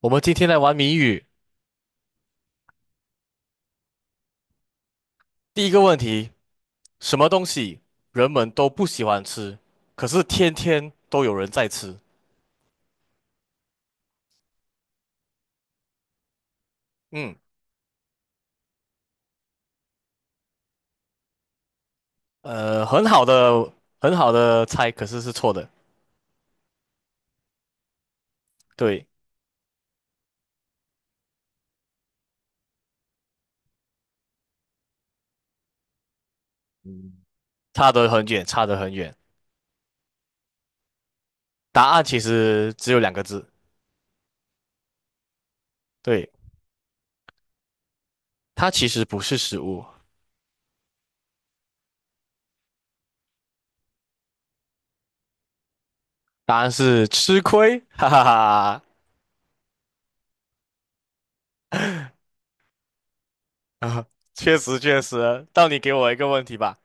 我们今天来玩谜语。第一个问题，什么东西人们都不喜欢吃，可是天天都有人在吃？嗯，很好的，很好的猜，可是是错的。对，嗯差得很远，差得很远。答案其实只有两个字。对，它其实不是食物，答案是吃亏。哈哈哈哈啊，确实确实。到你给我一个问题吧。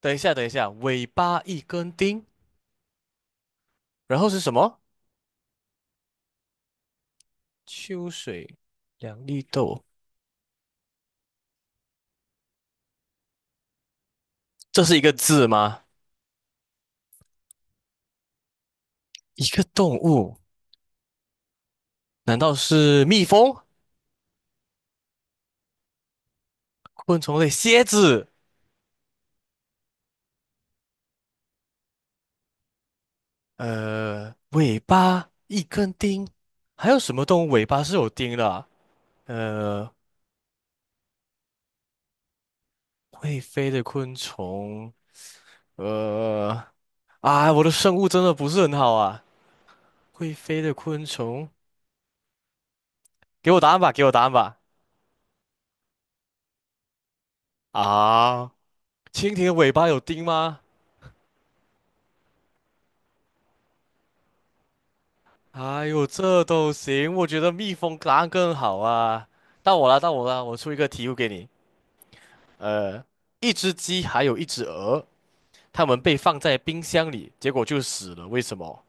等一下，等一下，尾巴一根钉，然后是什么？秋水两粒豆，这是一个字吗？一个动物，难道是蜜蜂？昆虫类，蝎子，尾巴一根钉，还有什么动物尾巴是有钉的啊呃，会飞的昆虫，呃，啊，我的生物真的不是很好啊。会飞的昆虫，给我答案吧，给我答案吧。啊，蜻蜓的尾巴有钉吗？哎呦，这都行，我觉得蜜蜂答案更好啊。到我了，到我了，我出一个题目给你。呃，一只鸡还有一只鹅，它们被放在冰箱里，结果就死了。为什么？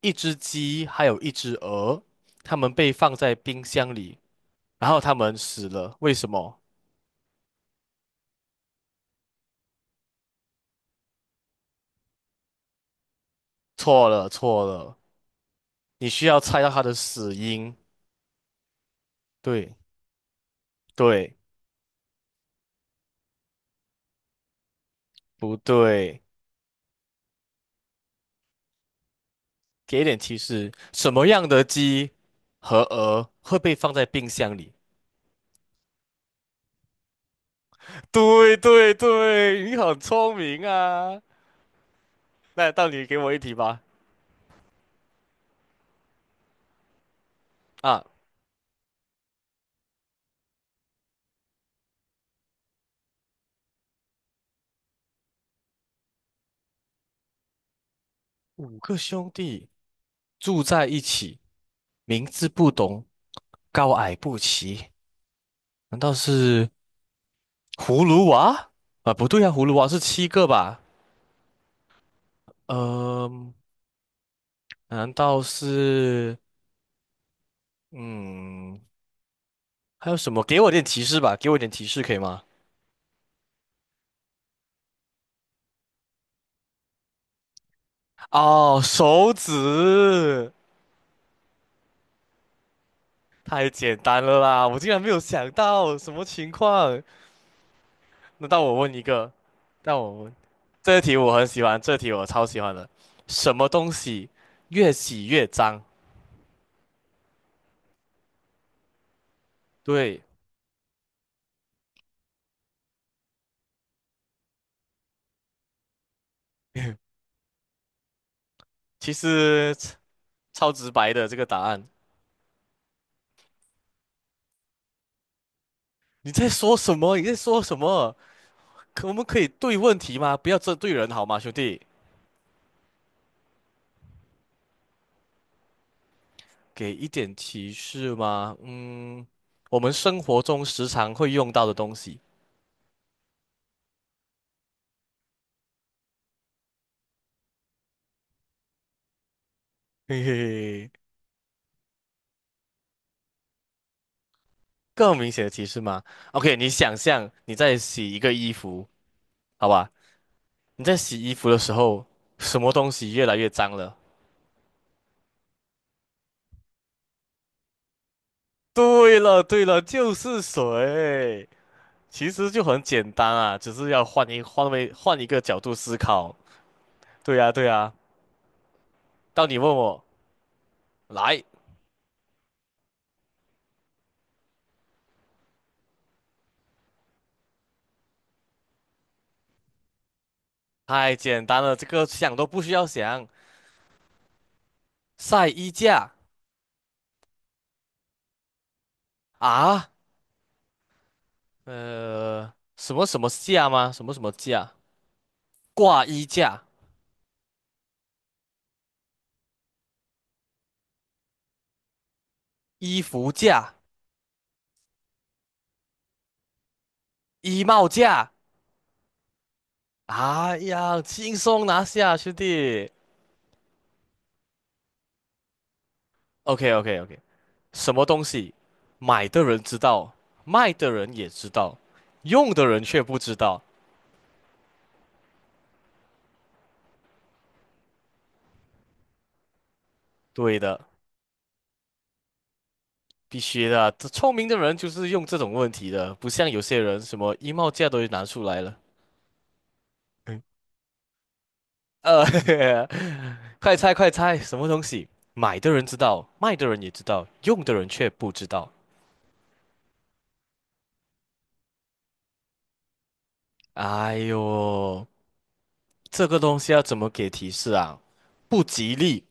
一只鸡还有一只鹅，它们被放在冰箱里，然后它们死了。为什么？错了，错了，你需要猜到它的死因。对，对，不对？给一点提示，什么样的鸡和鹅会被放在冰箱里？对对对，你很聪明啊。那到你给我一题吧。啊，五个兄弟住在一起，名字不同，高矮不齐，难道是葫芦娃？啊，不对啊，葫芦娃是七个吧？呃，难道是嗯，还有什么？给我点提示吧，给我点提示可以吗？哦，手指，太简单了啦，我竟然没有想到什么情况。那到我问一个，到我问，这题我很喜欢，这题我超喜欢的。什么东西越洗越脏？对，其实超直白的这个答案。你在说什么？你在说什么？可我们可以对问题吗？不要针对人好吗，兄弟？给一点提示吗？嗯，我们生活中时常会用到的东西。嘿嘿嘿，更明显的提示吗？OK，你想象你在洗一个衣服，好吧？你在洗衣服的时候，什么东西越来越脏了？对了，对了，就是水。其实就很简单啊，只是要换一个角度思考。对呀，对呀。到你问我，来，太简单了，这个想都不需要想。晒衣架啊，呃，什么什么架吗？什么什么架？挂衣架、衣服架、衣帽架。哎呀，轻松拿下，兄弟。OK，OK，OK。什么东西，买的人知道，卖的人也知道，用的人却不知道。对的，必须的啊，这聪明的人就是用这种问题的，不像有些人什么衣帽架都拿出来了。嗯呃，快猜快猜，什么东西，买的人知道，卖的人也知道，用的人却不知道。哎呦，这个东西要怎么给提示啊？不吉利。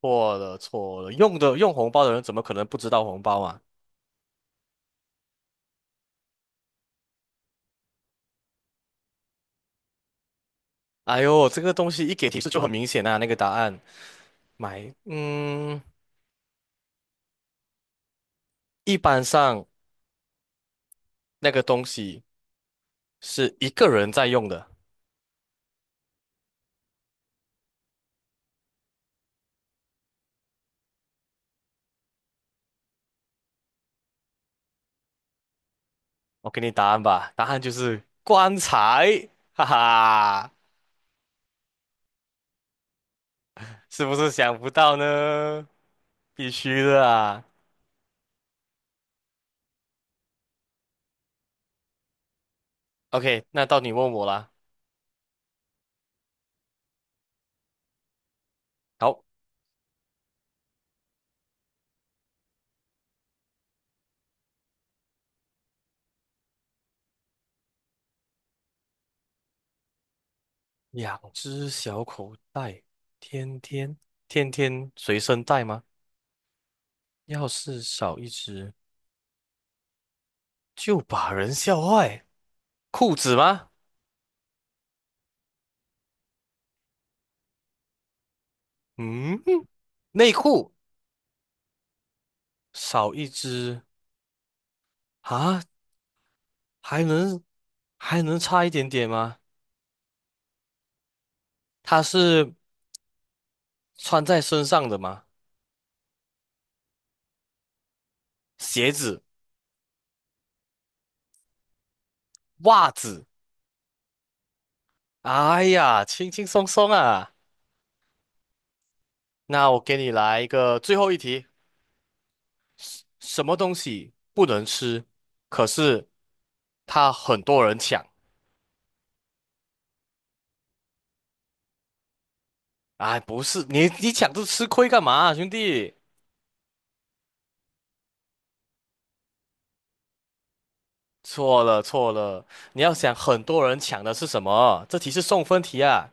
错了错了，用的，用红包的人怎么可能不知道红包啊？哎呦，这个东西一给提示就很明显啊，那个答案买，一般上那个东西是一个人在用的。我给你答案吧，答案就是棺材，哈哈，是不是想不到呢？必须的啊。OK，那到你问我啦。好，两只小口袋，天天天天随身带吗？要是少一只，就把人笑坏。裤子吗？嗯，内裤。少一只啊，还能还能差一点点吗？它是穿在身上的吗？鞋子、袜子，哎呀，轻轻松松啊。那我给你来一个最后一题，什么东西不能吃，可是它很多人抢？哎，不是，你抢这吃亏干嘛兄弟？错了错了，你要想很多人抢的是什么？这题是送分题啊。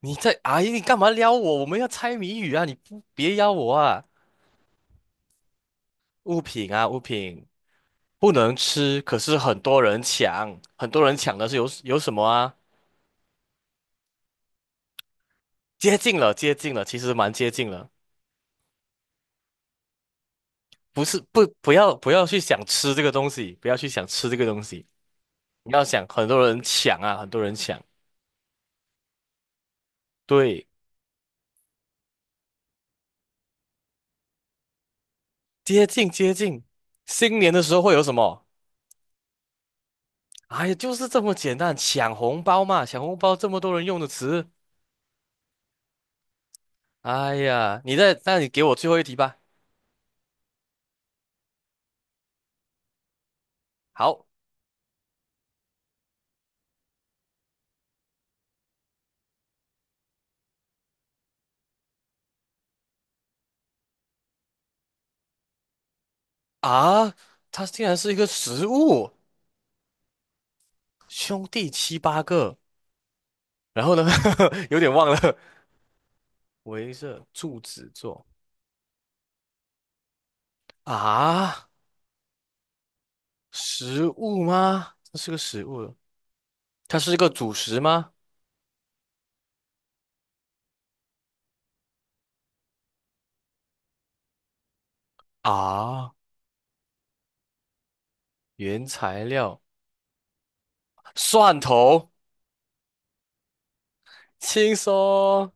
你在，哎，你干嘛撩我？我们要猜谜语啊！你不别邀我啊！物品啊，物品不能吃，可是很多人抢，很多人抢的是有什么啊？接近了，接近了，其实蛮接近了。不要不要去想吃这个东西，不要去想吃这个东西，你要想很多人抢啊，很多人抢。对，接近接近，新年的时候会有什么？哎呀，就是这么简单，抢红包嘛，抢红包这么多人用的词。哎呀，你在，那你给我最后一题吧。好，啊，它竟然是一个食物，兄弟七八个，然后呢，有点忘了，围着柱子做啊，食物吗？这是个食物，它是一个主食吗？啊，原材料，蒜头，轻松，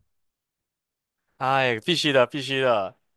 哎，必须的，必须的，